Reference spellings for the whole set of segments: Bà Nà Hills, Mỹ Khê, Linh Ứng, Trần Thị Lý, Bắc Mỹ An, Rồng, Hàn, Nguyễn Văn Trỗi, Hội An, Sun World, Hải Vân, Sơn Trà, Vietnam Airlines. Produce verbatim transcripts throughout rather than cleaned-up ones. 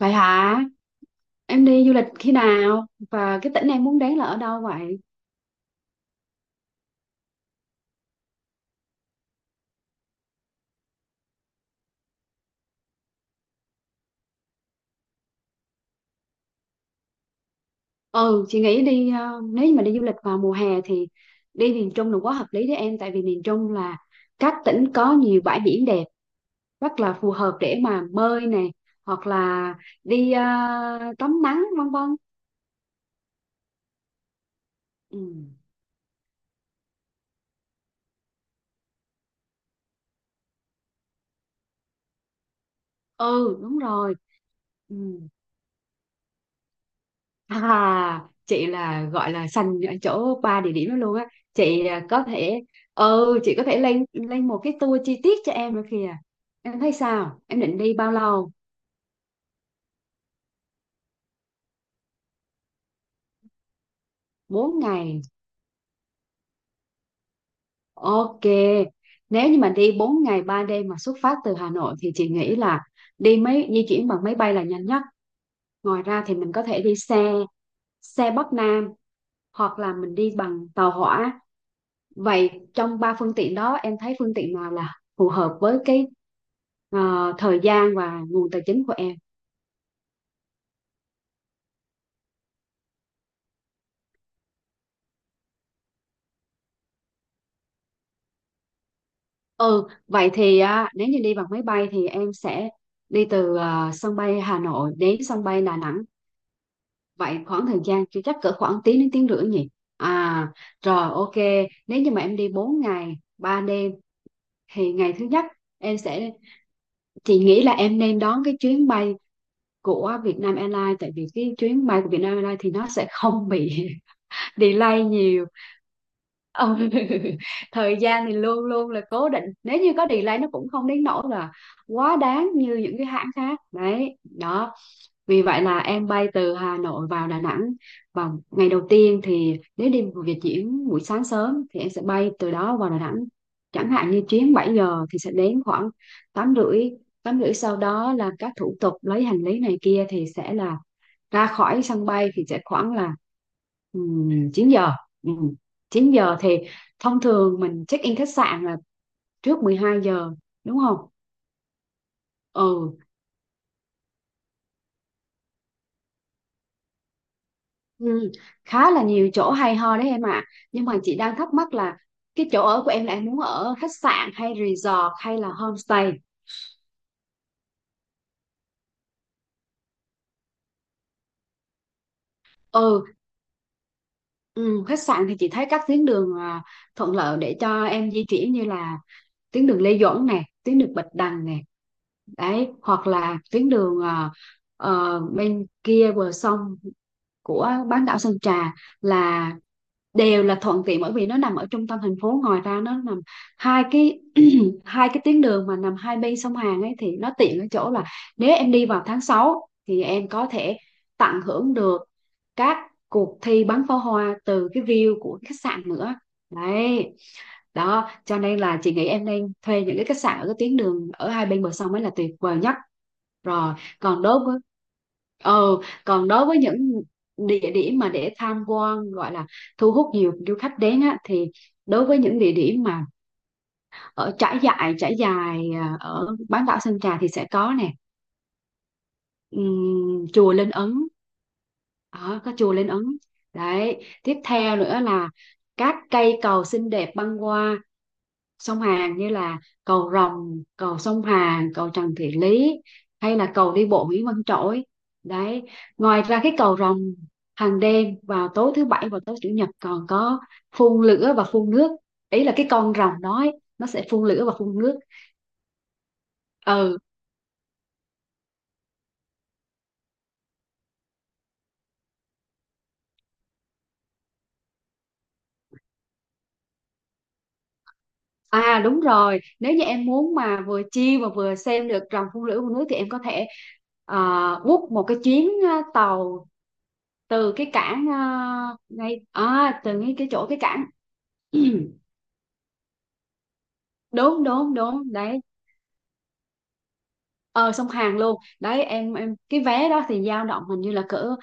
Vậy hả? Em đi du lịch khi nào? Và cái tỉnh em muốn đến là ở đâu vậy? Ừ, chị nghĩ đi ờ, nếu như mà đi du lịch vào mùa hè thì đi miền Trung là quá hợp lý với em, tại vì miền Trung là các tỉnh có nhiều bãi biển đẹp, rất là phù hợp để mà bơi nè, hoặc là đi ờ, tắm nắng vân vân. Ừ. Ừ, đúng rồi. Ừ. À, chị là gọi là sành ở chỗ ba địa điểm đó luôn á. Chị à, có thể ừ, chị có thể lên lên một cái tour chi tiết cho em nữa kìa. Em thấy sao? Em định đi bao lâu? Bốn ngày. Ok. Nếu như mà đi bốn ngày ba đêm mà xuất phát từ Hà Nội thì chị nghĩ là đi máy di chuyển bằng máy bay là nhanh nhất. Ngoài ra thì mình có thể đi xe xe Bắc Nam hoặc là mình đi bằng tàu hỏa. Vậy trong ba phương tiện đó em thấy phương tiện nào là phù hợp với cái ờ, thời gian và nguồn tài chính của em? Ừ, vậy thì à, nếu như đi bằng máy bay thì em sẽ đi từ à, sân bay Hà Nội đến sân bay Đà Nẵng. Vậy khoảng thời gian chưa chắc cỡ khoảng tiếng đến tiếng rưỡi nhỉ? à rồi, ok. Nếu như mà em đi bốn ngày ba đêm thì ngày thứ nhất em sẽ chị nghĩ là em nên đón cái chuyến bay của Vietnam Airlines, tại vì cái chuyến bay của Vietnam Airlines thì nó sẽ không bị delay nhiều. Ừ. Thời gian thì luôn luôn là cố định, nếu như có delay nó cũng không đến nỗi là quá đáng như những cái hãng khác đấy đó. Vì vậy là em bay từ Hà Nội vào Đà Nẵng, và ngày đầu tiên thì nếu đi một Việt diễn buổi sáng sớm thì em sẽ bay từ đó vào Đà Nẵng. Chẳng hạn như chuyến 7 giờ thì sẽ đến khoảng tám rưỡi, tám rưỡi sau đó là các thủ tục lấy hành lý này kia thì sẽ là ra khỏi sân bay thì sẽ khoảng là um, 9 giờ. Ừm, 9 giờ thì thông thường mình check in khách sạn là trước 12 giờ đúng không? Ừ. Ừ, khá là nhiều chỗ hay ho đấy em ạ. Nhưng mà chị đang thắc mắc là cái chỗ ở của em là em muốn ở khách sạn hay resort hay là homestay? Ừ, ừ, khách sạn thì chị thấy các tuyến đường à, thuận lợi để cho em di chuyển như là tuyến đường Lê Duẩn nè, tuyến đường Bạch Đằng nè. Đấy, hoặc là tuyến đường à, ờ, bên kia bờ sông của bán đảo Sơn Trà, là đều là thuận tiện bởi vì nó nằm ở trung tâm thành phố. Ngoài ra nó nằm hai cái hai cái tuyến đường mà nằm hai bên sông Hàn ấy thì nó tiện ở chỗ là nếu em đi vào tháng sáu thì em có thể tận hưởng được các cuộc thi bắn pháo hoa từ cái view của khách sạn nữa đấy. Đó cho nên là chị nghĩ em nên thuê những cái khách sạn ở cái tuyến đường ở hai bên bờ sông mới là tuyệt vời nhất. Rồi, còn đối với ờ còn đối với những địa điểm mà để tham quan gọi là thu hút nhiều du khách đến á, thì đối với những địa điểm mà ở trải dài trải dài à, ở bán đảo Sơn Trà thì sẽ có nè ừm, chùa Linh Ứng. Đó, có chùa Linh Ứng đấy. Tiếp theo nữa là các cây cầu xinh đẹp băng qua sông Hàn như là cầu Rồng, cầu sông Hàn, cầu Trần Thị Lý hay là cầu đi bộ Nguyễn Văn Trỗi. Đấy, ngoài ra cái cầu Rồng hàng đêm vào tối thứ bảy và tối chủ nhật còn có phun lửa và phun nước. Ý là cái con rồng đó ấy, nó sẽ phun lửa và phun nước. Ừ. À đúng rồi, nếu như em muốn mà vừa chill mà vừa xem được rồng phun lưỡi của nước thì em có thể uh, book một cái chuyến ờ, tàu từ cái cảng ờ, ngay à, từ ngay cái chỗ cái cảng. Đúng đúng đúng đấy, ờ sông Hàn luôn đấy em em cái vé đó thì dao động hình như là cỡ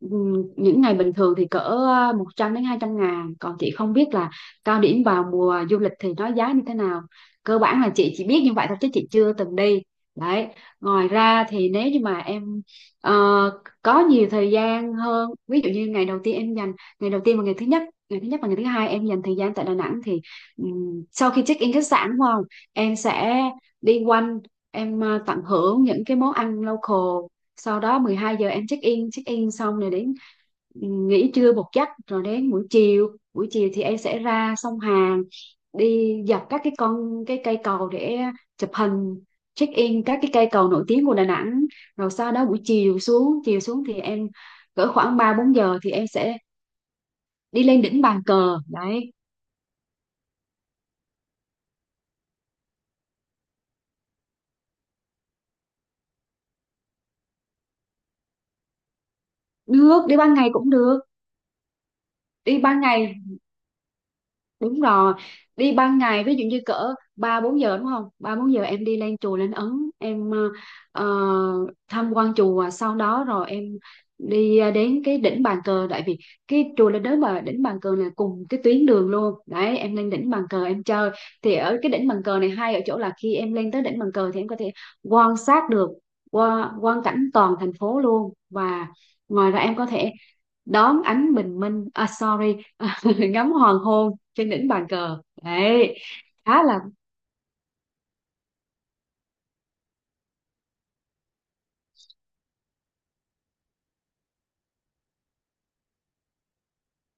ừm, những ngày bình thường thì cỡ ờ, một trăm đến hai trăm ngàn, còn chị không biết là cao điểm vào mùa du lịch thì nó giá như thế nào. Cơ bản là chị chỉ biết như vậy thôi chứ chị chưa từng đi đấy. Ngoài ra thì nếu như mà em ờ, có nhiều thời gian hơn, ví dụ như ngày đầu tiên em dành ngày đầu tiên và ngày thứ nhất ngày thứ nhất và ngày thứ hai em dành thời gian tại Đà Nẵng thì ừm, sau khi check in khách sạn đúng không, em sẽ đi quanh, em ờ, tận hưởng những cái món ăn local. Sau đó mười hai giờ em check in check in xong rồi đến nghỉ trưa một giấc rồi đến buổi chiều, buổi chiều thì em sẽ ra sông Hàn, đi dọc các cái con cái cây cầu để chụp hình, check in các cái cây cầu nổi tiếng của Đà Nẵng. Rồi sau đó buổi chiều xuống, chiều xuống thì em cỡ khoảng ba bốn giờ thì em sẽ đi lên đỉnh bàn cờ đấy. Được, đi ban ngày cũng được. Đi ban ngày, đúng rồi, đi ban ngày ví dụ như cỡ ba bốn giờ đúng không, ba bốn giờ em đi lên chùa lên Ấn em ờ, ờ, tham quan chùa, sau đó rồi em đi ờ, đến cái đỉnh bàn cờ, tại vì cái chùa lên đến mà đỉnh bàn cờ này cùng cái tuyến đường luôn đấy. Em lên đỉnh bàn cờ em chơi thì ở cái đỉnh bàn cờ này hay ở chỗ là khi em lên tới đỉnh bàn cờ thì em có thể quan sát được qua quan cảnh toàn thành phố luôn. Và ngoài ra em có thể đón ánh bình minh, à sorry, ngắm hoàng hôn trên đỉnh bàn cờ đấy. Khá là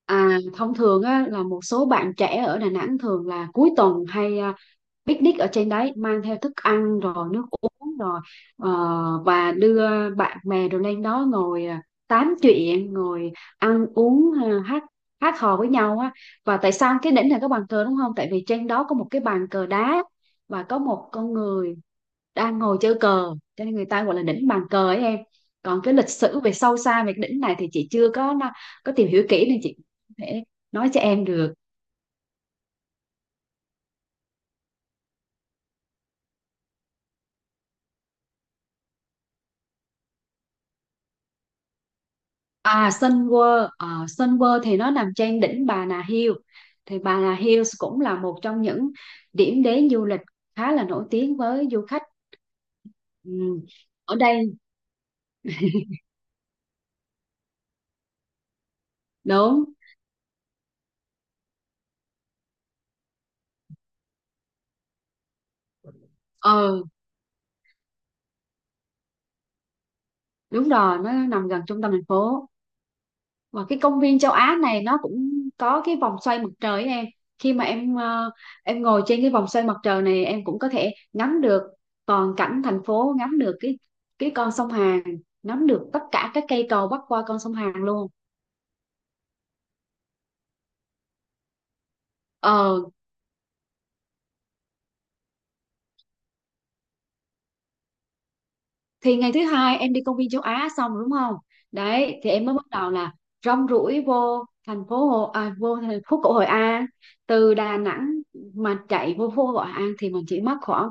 À, thông thường á, là một số bạn trẻ ở Đà Nẵng thường là cuối tuần hay à, picnic ở trên đấy, mang theo thức ăn rồi nước uống rồi, ờ, và đưa bạn bè rồi lên đó ngồi à, tám chuyện, ngồi ăn uống, à, hát hát hò với nhau á. Và tại sao cái đỉnh này có bàn cờ đúng không, tại vì trên đó có một cái bàn cờ đá và có một con người đang ngồi chơi cờ, cho nên người ta gọi là đỉnh bàn cờ ấy em. Còn cái lịch sử về sâu xa về cái đỉnh này thì chị chưa có na- có tìm hiểu kỹ nên chị không thể nói cho em được. à Sun World à, Sun World thì nó nằm trên đỉnh Bà Nà Hills, thì Bà Nà Hills cũng là một trong những điểm đến du lịch khá là nổi tiếng với du khách. Ừ. Ở đây đúng, ờ đúng rồi, nó nằm gần trung tâm thành phố. Và cái công viên châu Á này nó cũng có cái vòng xoay mặt trời ấy em. Khi mà em ờ, em ngồi trên cái vòng xoay mặt trời này em cũng có thể ngắm được toàn cảnh thành phố, ngắm được cái cái con sông Hàn, ngắm được tất cả các cây cầu bắc qua con sông Hàn luôn. Ờ, thì ngày thứ hai em đi công viên châu Á xong rồi đúng không, đấy thì em mới bắt đầu là rong ruổi vô thành phố Hồ à, vô thành phố cổ Hội An. Từ Đà Nẵng mà chạy vô phố Hội An thì mình chỉ mất khoảng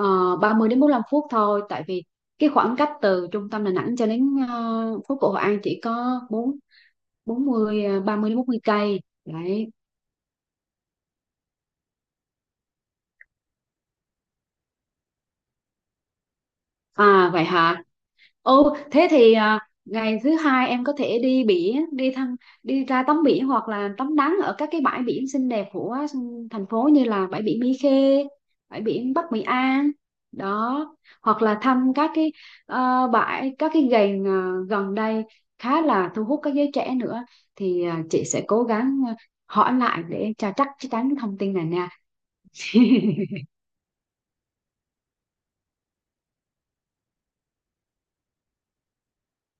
uh, ba mươi đến bốn mươi lăm phút thôi, tại vì cái khoảng cách từ trung tâm Đà Nẵng cho đến ờ, phố cổ Hội An chỉ có bốn bốn mươi à, ba mươi đến bốn mươi cây đấy. À vậy hả? Ồ, thế thì à, ngày thứ hai em có thể đi biển, đi thăm, đi ra tắm biển hoặc là tắm nắng ở các cái bãi biển xinh đẹp của thành phố như là bãi biển Mỹ Khê, bãi biển Bắc Mỹ An, đó, hoặc là thăm các cái ờ, bãi, các cái gành à, gần đây khá là thu hút các giới trẻ nữa. Thì à, chị sẽ cố gắng à, hỏi lại để cho chắc chắc chắn cái thông tin này nha.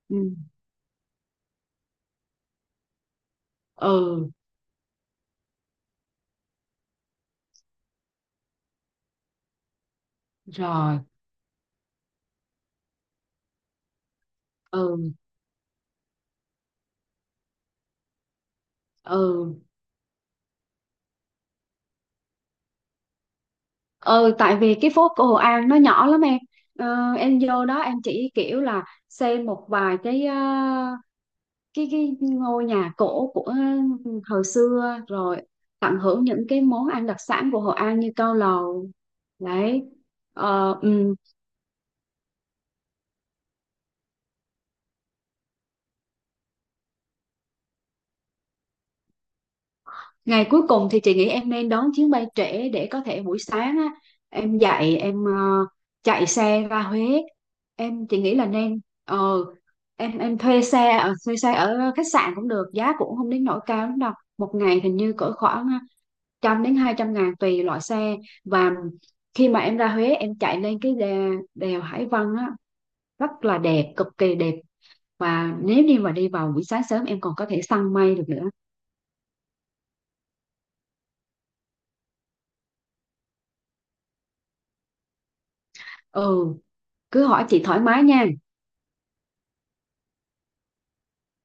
Ừ, ừ, rồi, ừ, ừ. Ừ, tại vì cái phố cổ Hội An nó nhỏ lắm em. Ờ, em vô đó em chỉ kiểu là xem một vài cái ờ, cái cái ngôi nhà cổ của thời xưa, rồi tận hưởng những cái món ăn đặc sản của Hội An như cao lầu đấy. Ờ, ừ. Ngày cuối cùng thì chị nghĩ em nên đón chuyến bay trễ để có thể buổi sáng á, em dậy, em ờ, chạy xe ra Huế. Em chị nghĩ là nên ờ, em em thuê xe ở thuê xe ở khách sạn cũng được, giá cũng không đến nỗi cao lắm đâu. Một ngày hình như cỡ khoảng ờ, trăm đến hai trăm ngàn tùy loại xe. Và khi mà em ra Huế em chạy lên cái đè, đèo Hải Vân á rất là đẹp, cực kỳ đẹp. Và nếu như mà đi vào buổi sáng sớm em còn có thể săn mây được nữa. Ừ, cứ hỏi chị thoải mái nha.